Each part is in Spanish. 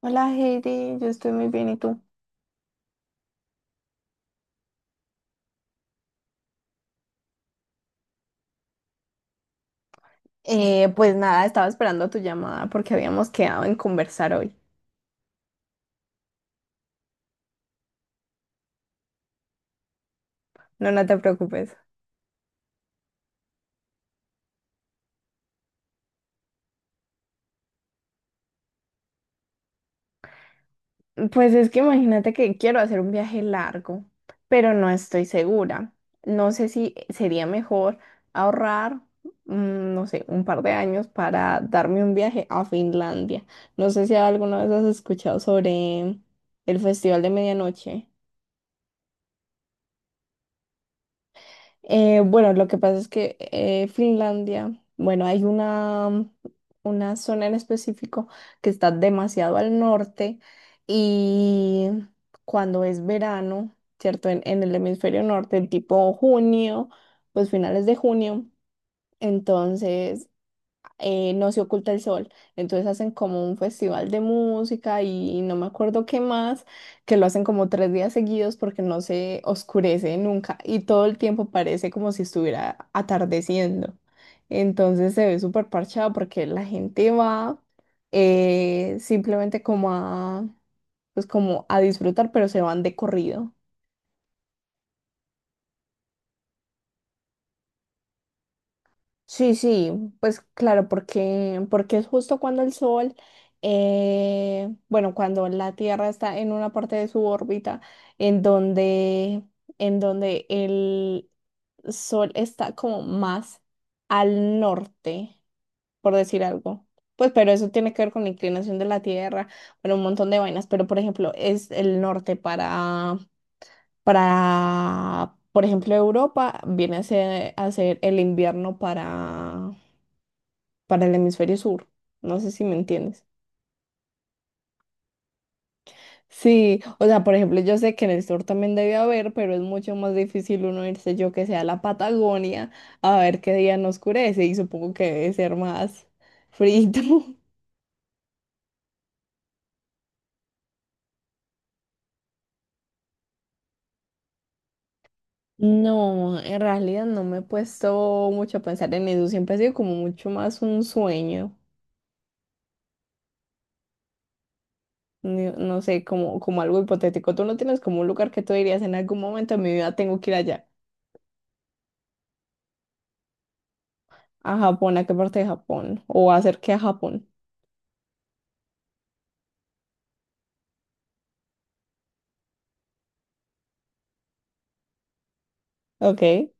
Hola Heidi, yo estoy muy bien, ¿y tú? Pues nada, estaba esperando tu llamada porque habíamos quedado en conversar hoy. No te preocupes. Pues es que imagínate que quiero hacer un viaje largo, pero no estoy segura. No sé si sería mejor ahorrar, no sé, un par de años para darme un viaje a Finlandia. No sé si alguna vez has escuchado sobre el Festival de Medianoche. Bueno, lo que pasa es que Finlandia, bueno, hay una zona en específico que está demasiado al norte y cuando es verano, ¿cierto? En el hemisferio norte, tipo junio, pues finales de junio, entonces no se oculta el sol. Entonces hacen como un festival de música y no me acuerdo qué más, que lo hacen como tres días seguidos porque no se oscurece nunca y todo el tiempo parece como si estuviera atardeciendo. Entonces se ve súper parchado porque la gente va simplemente como a, pues como a disfrutar, pero se van de corrido. Sí, sí, pues claro, porque es justo cuando el Sol, bueno, cuando la Tierra está en una parte de su órbita en donde, en donde el Sol está como más al norte, por decir algo. Pues, pero eso tiene que ver con la inclinación de la Tierra, bueno, un montón de vainas, pero por ejemplo, es el norte para, por ejemplo, Europa, viene a ser el invierno para el hemisferio sur. No sé si me entiendes. Sí, o sea, por ejemplo, yo sé que en el sur también debe haber, pero es mucho más difícil uno irse yo que sea a la Patagonia a ver qué día no oscurece y supongo que debe ser más frío. No, en realidad no me he puesto mucho a pensar en eso, siempre ha sido como mucho más un sueño, no sé, como, como algo hipotético. Tú no tienes como un lugar que tú dirías en algún momento de mi vida tengo que ir allá, a Japón, ¿a qué parte de Japón? O hacer qué a Japón. Ok.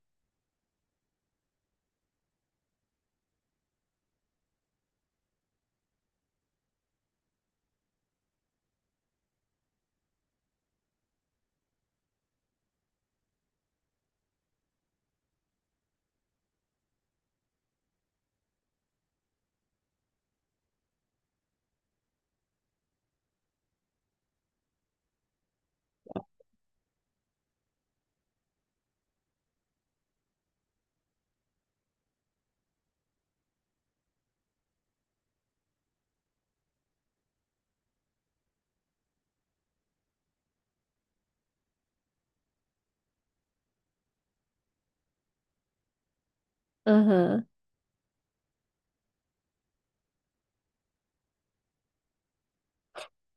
Ujú.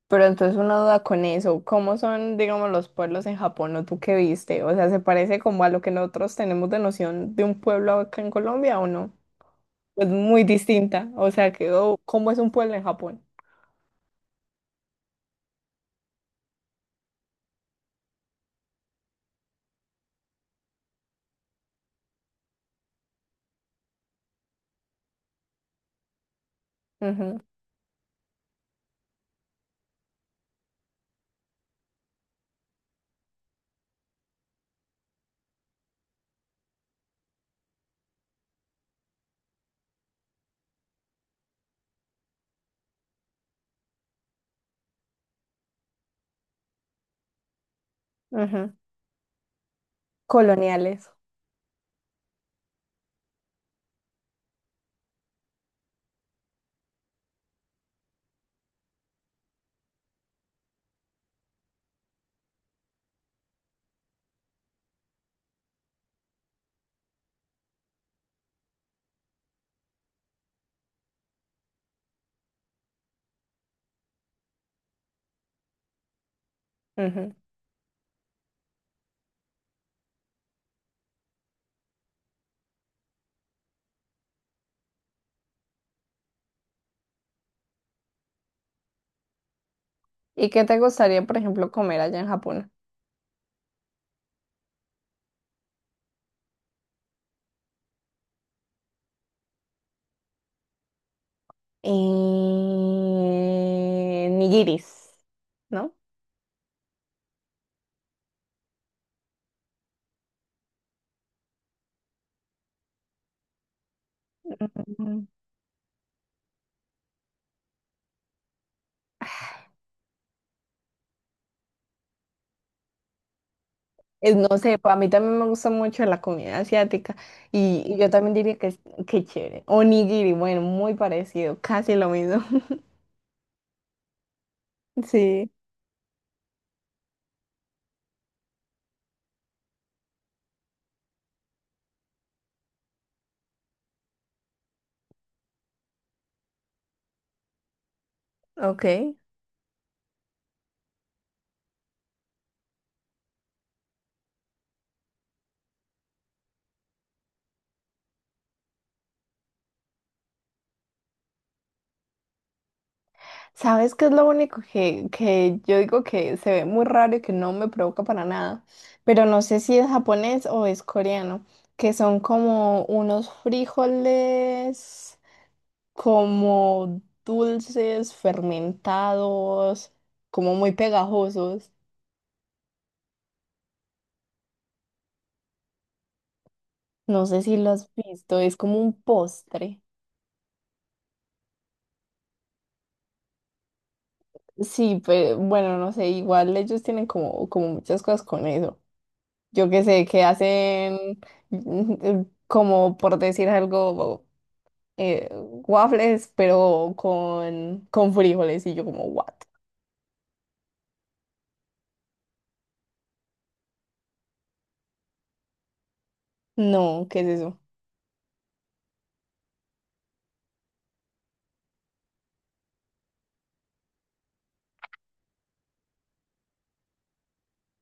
Pero entonces una duda con eso, ¿cómo son, digamos, los pueblos en Japón o tú qué viste? O sea, ¿se parece como a lo que nosotros tenemos de noción de un pueblo acá en Colombia o no? Es muy distinta, o sea, que, o, ¿cómo es un pueblo en Japón? Ujú, ujú. Coloniales. Ujú. ¿Y qué te gustaría, por ejemplo, comer allá en Japón? Nigiris, ¿no? No sé, a mí también me gusta mucho la comida asiática y yo también diría que, que chévere. Onigiri, bueno, muy parecido, casi lo mismo. Sí, ok. ¿Sabes qué es lo único que yo digo que se ve muy raro y que no me provoca para nada? Pero no sé si es japonés o es coreano, que son como unos frijoles como dulces, fermentados, como muy pegajosos. No sé si lo has visto, es como un postre. Sí, pero bueno, no sé, igual ellos tienen como, como muchas cosas con eso. Yo qué sé, que hacen mm, como por decir algo, waffles, pero con frijoles y yo como, what? No, ¿qué es eso?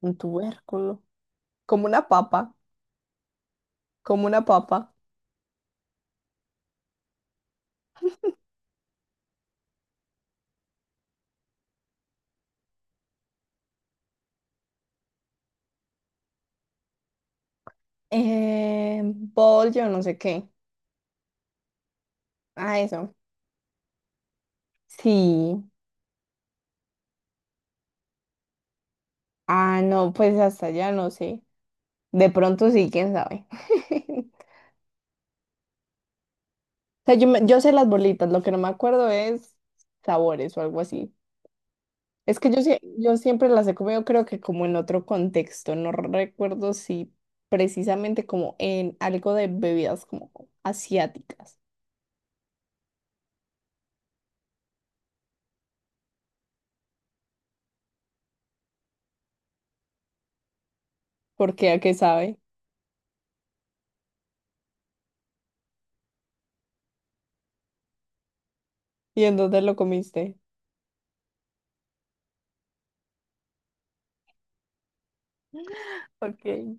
Un tubérculo. Como una papa, como una papa. Bol, yo no sé qué. Ah, eso. Sí. Ah, no, pues hasta allá no sé. De pronto sí, quién sabe. O sea, yo, yo sé las bolitas, lo que no me acuerdo es sabores o algo así. Es que yo, yo siempre las he comido, creo que como en otro contexto. No recuerdo si precisamente como en algo de bebidas como asiáticas. Porque a qué sabe y en dónde lo comiste. Okay.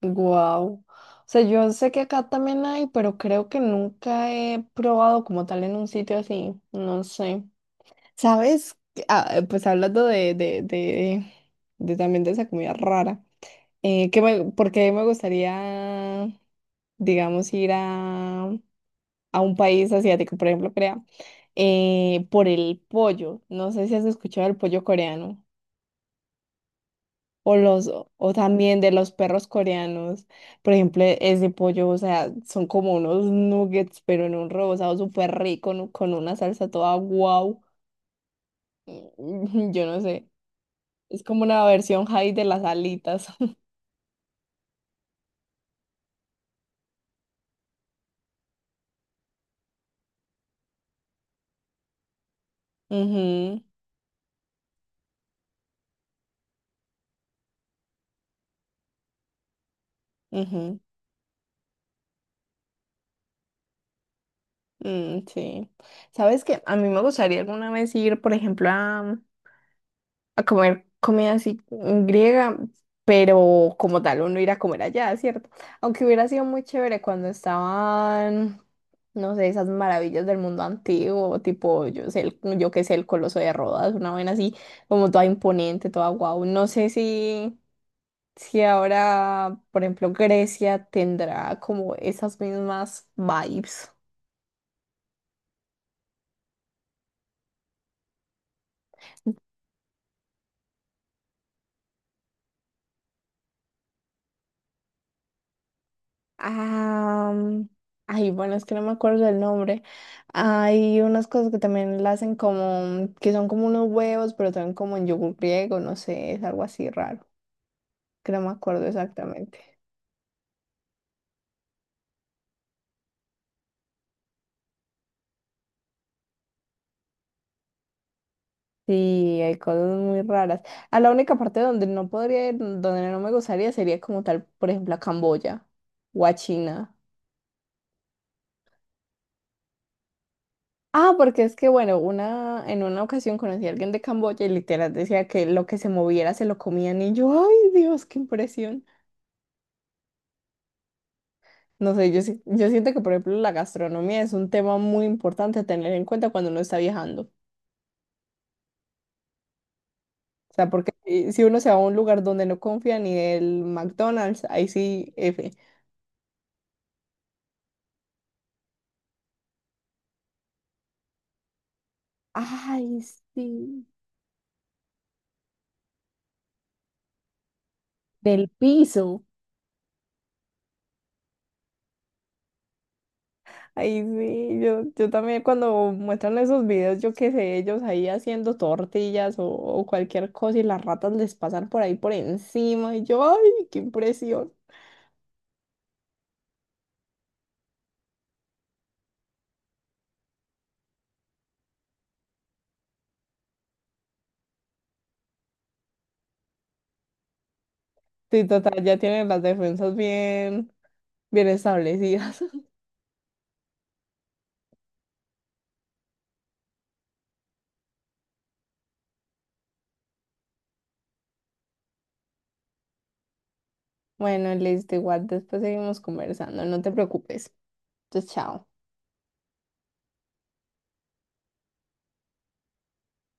Wow. O sea, yo sé que acá también hay, pero creo que nunca he probado como tal en un sitio así. No sé. ¿Sabes? Ah, pues hablando de también de esa comida rara, que me, porque me gustaría, digamos, ir a un país asiático, por ejemplo, Corea, por el pollo. No sé si has escuchado el pollo coreano o los o también de los perros coreanos. Por ejemplo, ese pollo, o sea, son como unos nuggets, pero en un rebozado súper rico, ¿no? Con una salsa toda guau. Yo no sé. Es como una versión high de las alitas. Ujú, ujú, mm, sí. ¿Sabes qué? A mí me gustaría alguna vez ir, por ejemplo, a comer comida así griega, pero como tal, uno ir a comer allá, ¿cierto? Aunque hubiera sido muy chévere cuando estaban, no sé, esas maravillas del mundo antiguo, tipo, yo sé, yo qué sé, el Coloso de Rodas, una vaina así, como toda imponente, toda guau. No sé si... si ahora, por ejemplo, Grecia tendrá como esas mismas vibes. Ah, mm, ay, bueno, es que no me acuerdo del nombre. Hay unas cosas que también la hacen como, que son como unos huevos, pero también como en yogur griego, no sé, es algo así raro, que no me acuerdo exactamente. Sí, hay cosas muy raras. A la única parte donde no podría ir, donde no me gustaría, sería como tal, por ejemplo, a Camboya o a China. Ah, porque es que, bueno, una, en una ocasión conocí a alguien de Camboya y literal decía que lo que se moviera se lo comían y yo, ay Dios, qué impresión. No sé, yo, yo siento que, por ejemplo, la gastronomía es un tema muy importante a tener en cuenta cuando uno está viajando. O sea, porque si uno se va a un lugar donde no confía ni del McDonald's, ahí sí, F. Ay, sí, del piso. Ay, sí, yo también cuando muestran esos videos, yo qué sé, ellos ahí haciendo tortillas o cualquier cosa y las ratas les pasan por ahí por encima y yo, ay, qué impresión. Sí, total, ya tienen las defensas bien, bien establecidas. Bueno, listo, igual después seguimos conversando, no te preocupes. Entonces, chao.